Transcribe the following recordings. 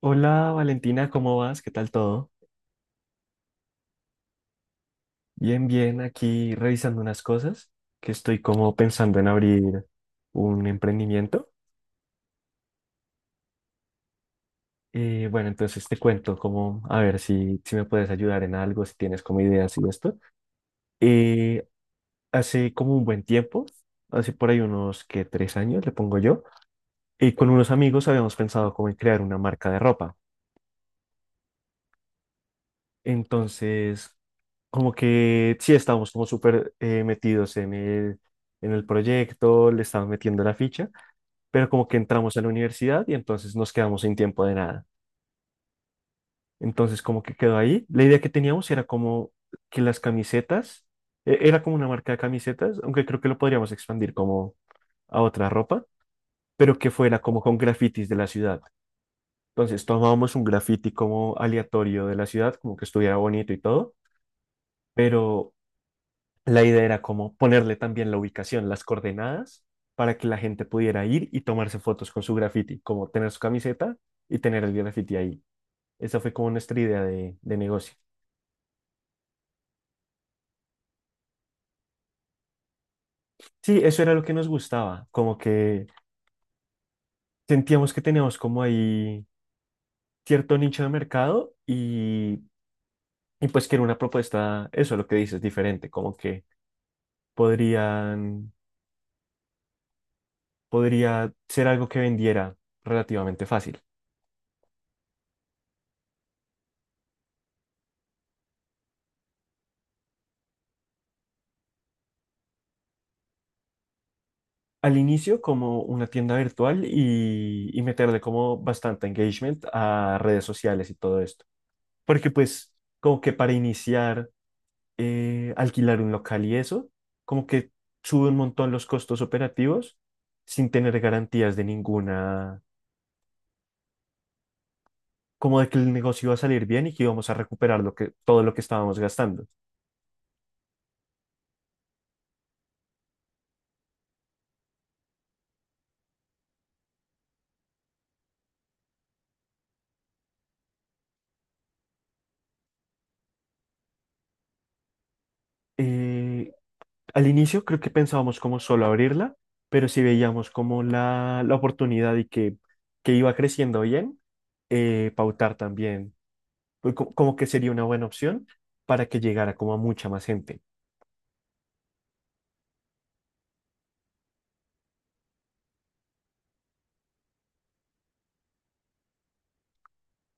Hola Valentina, ¿cómo vas? ¿Qué tal todo? Bien, bien, aquí revisando unas cosas que estoy como pensando en abrir un emprendimiento. Bueno, entonces te cuento como, a ver si me puedes ayudar en algo, si tienes como ideas y esto. Eh, Hace como un buen tiempo, hace por ahí unos que 3 años, le pongo yo, y con unos amigos habíamos pensado como en crear una marca de ropa. Entonces, como que sí estábamos como súper metidos en el, proyecto, le estamos metiendo la ficha, pero como que entramos a la universidad y entonces nos quedamos sin tiempo de nada. Entonces como que quedó ahí. La idea que teníamos era como que las camisetas, era como una marca de camisetas, aunque creo que lo podríamos expandir como a otra ropa, pero que fuera como con grafitis de la ciudad. Entonces tomábamos un grafiti como aleatorio de la ciudad, como que estuviera bonito y todo, pero la idea era como ponerle también la ubicación, las coordenadas, para que la gente pudiera ir y tomarse fotos con su graffiti, como tener su camiseta y tener el graffiti ahí. Esa fue como nuestra idea de negocio. Sí, eso era lo que nos gustaba, como que sentíamos que teníamos como ahí cierto nicho de mercado y pues que era una propuesta, eso lo que dices, diferente, como que podrían, podría ser algo que vendiera relativamente fácil. Al inicio como una tienda virtual y meterle como bastante engagement a redes sociales y todo esto. Porque pues como que para iniciar, alquilar un local y eso, como que sube un montón los costos operativos sin tener garantías de ninguna, como de que el negocio iba a salir bien y que íbamos a recuperar todo lo que estábamos gastando. Eh, Al inicio creo que pensábamos como solo abrirla, pero si veíamos como la oportunidad y que iba creciendo bien, pautar también, pues, como que sería una buena opción para que llegara como a mucha más gente.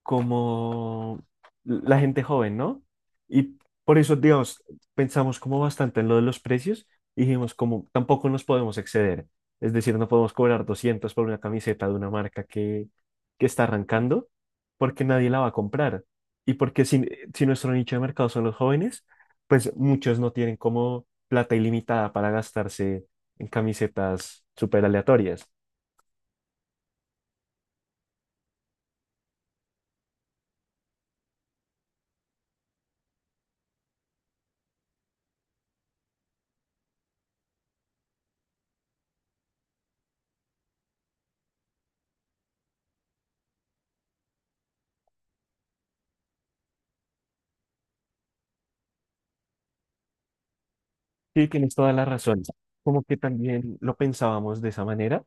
Como la gente joven, ¿no? Y por eso, digamos, pensamos como bastante en lo de los precios y dijimos como tampoco nos podemos exceder. Es decir, no podemos cobrar 200 por una camiseta de una marca que está arrancando porque nadie la va a comprar. Y porque si nuestro nicho de mercado son los jóvenes, pues muchos no tienen como plata ilimitada para gastarse en camisetas súper aleatorias. Sí, tienes toda la razón. Como que también lo pensábamos de esa manera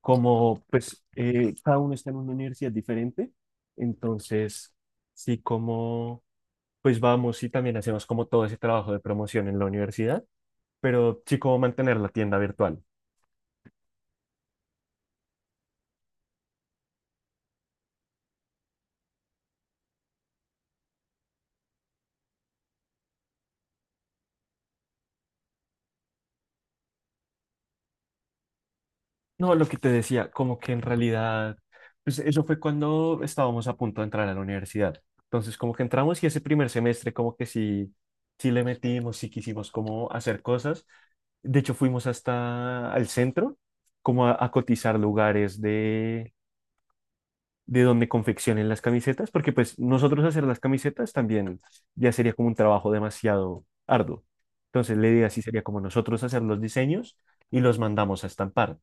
como pues cada uno está en una universidad diferente, entonces sí como pues vamos y también hacemos como todo ese trabajo de promoción en la universidad, pero sí como mantener la tienda virtual. No, lo que te decía, como que en realidad, pues eso fue cuando estábamos a punto de entrar a la universidad. Entonces como que entramos y ese primer semestre como que sí le metimos, sí quisimos como hacer cosas. De hecho fuimos hasta al centro como a cotizar lugares de donde confeccionen las camisetas, porque pues nosotros hacer las camisetas también ya sería como un trabajo demasiado arduo. Entonces la idea sí sería como nosotros hacer los diseños y los mandamos a estampar.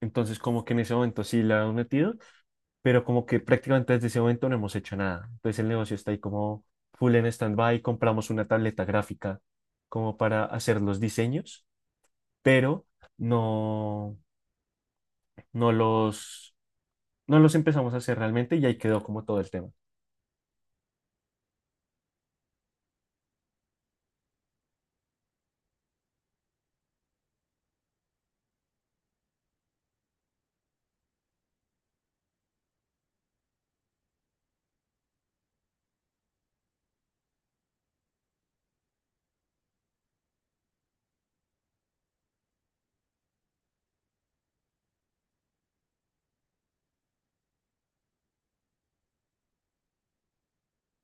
Entonces como que en ese momento sí la han metido, pero como que prácticamente desde ese momento no hemos hecho nada. Entonces el negocio está ahí como full en stand-by, compramos una tableta gráfica como para hacer los diseños, pero no, no los, no los empezamos a hacer realmente y ahí quedó como todo el tema.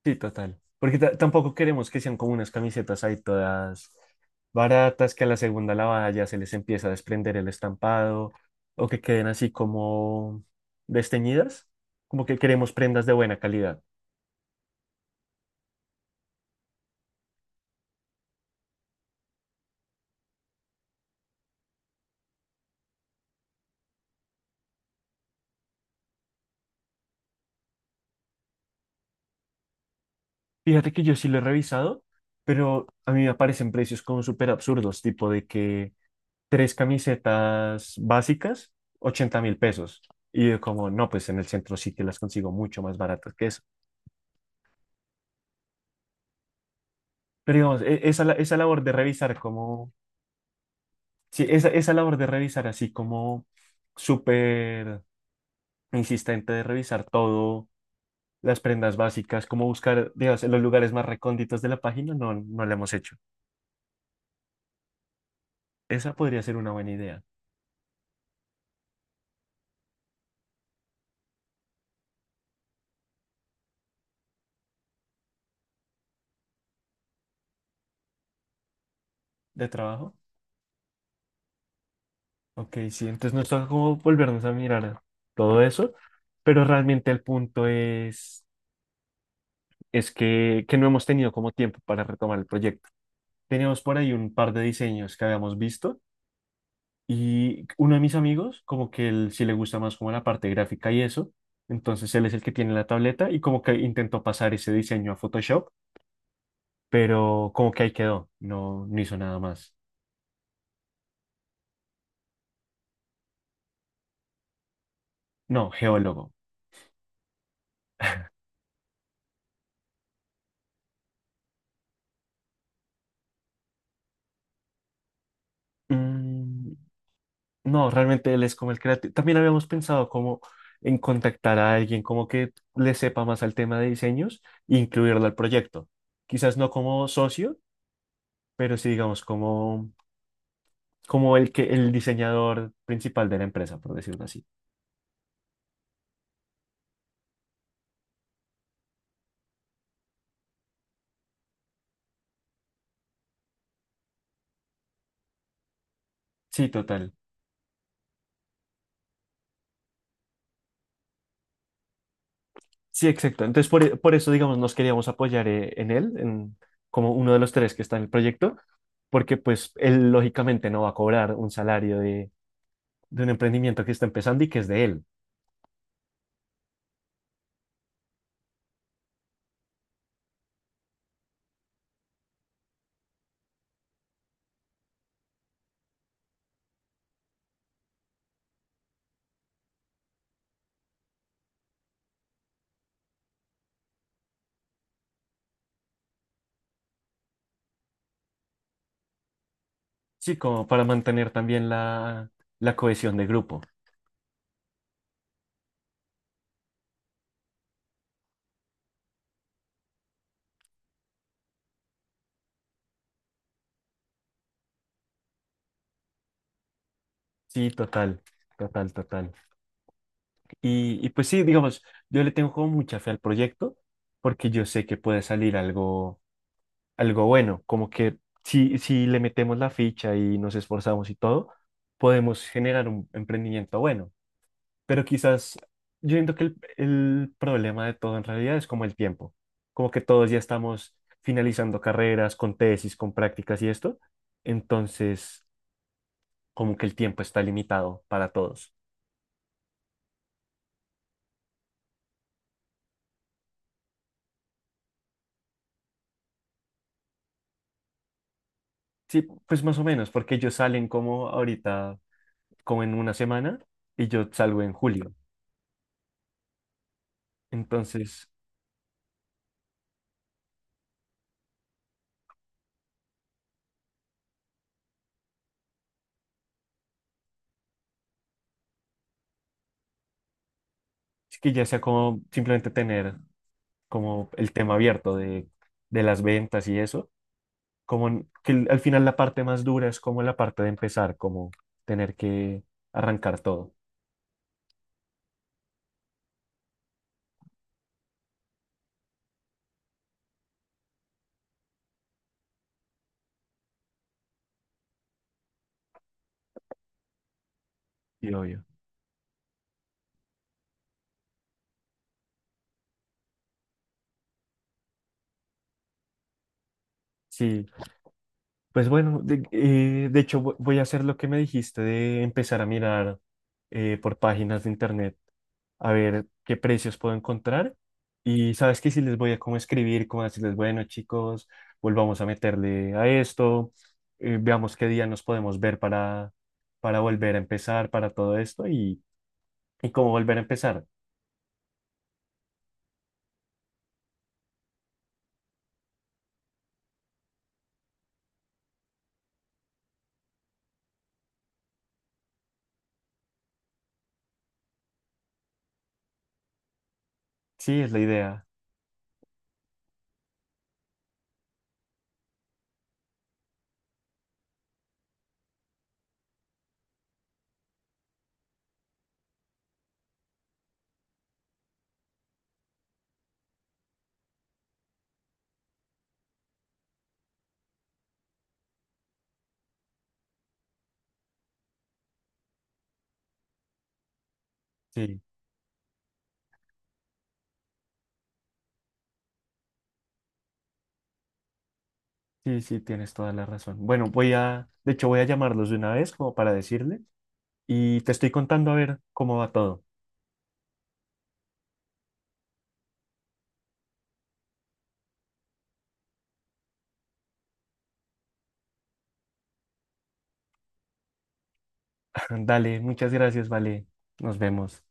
Sí, total. Porque tampoco queremos que sean como unas camisetas ahí todas baratas, que a la segunda lavada ya se les empieza a desprender el estampado o que queden así como desteñidas. Como que queremos prendas de buena calidad. Fíjate que yo sí lo he revisado, pero a mí me aparecen precios como súper absurdos, tipo de que tres camisetas básicas, 80.000 pesos. Y yo como, no, pues en el centro sí que las consigo mucho más baratas que eso. Pero digamos, esa labor de revisar como. Sí, esa labor de revisar así como súper insistente de revisar todo, las prendas básicas, como buscar, digamos, en los lugares más recónditos de la página, no la hemos hecho. Esa podría ser una buena idea de trabajo. Ok, sí, entonces nos toca como volvernos a mirar todo eso, pero realmente el punto es que no hemos tenido como tiempo para retomar el proyecto. Teníamos por ahí un par de diseños que habíamos visto. Y uno de mis amigos, como que él sí le gusta más como la parte gráfica y eso, entonces él es el que tiene la tableta y como que intentó pasar ese diseño a Photoshop, pero como que ahí quedó, no hizo nada más. No, geólogo. Mm, no, realmente él es como el creativo. También habíamos pensado como en contactar a alguien como que le sepa más al tema de diseños e incluirlo al proyecto. Quizás no como socio, pero sí digamos como, el que el diseñador principal de la empresa, por decirlo así. Sí, total. Sí, exacto. Entonces, por eso, digamos, nos queríamos apoyar en él, como uno de los tres que está en el proyecto, porque pues él lógicamente no va a cobrar un salario de un emprendimiento que está empezando y que es de él. Sí, como para mantener también la cohesión de grupo. Sí, total, total, total. Y pues sí, digamos, yo le tengo como mucha fe al proyecto porque yo sé que puede salir algo bueno, como que si le metemos la ficha y nos esforzamos y todo, podemos generar un emprendimiento bueno. Pero quizás yo siento que el problema de todo en realidad es como el tiempo, como que todos ya estamos finalizando carreras con tesis, con prácticas y esto, entonces como que el tiempo está limitado para todos. Sí, pues más o menos, porque ellos salen como ahorita, como en una semana, y yo salgo en julio. Entonces, es que ya sea como simplemente tener como el tema abierto de las ventas y eso, como al final la parte más dura es como la parte de empezar, como tener que arrancar todo. Y obvio. Sí, pues bueno, de hecho voy a hacer lo que me dijiste de empezar a mirar por páginas de internet a ver qué precios puedo encontrar. Y sabes que si les voy a como escribir, como decirles, bueno chicos, volvamos a meterle a esto, veamos qué día nos podemos ver para volver a empezar, para todo esto y cómo volver a empezar. Sí, es la idea. Sí, sí, sí, tienes toda la razón. Bueno, de hecho voy a llamarlos de una vez como para decirles. Y te estoy contando a ver cómo va todo. Dale, muchas gracias, vale. Nos vemos.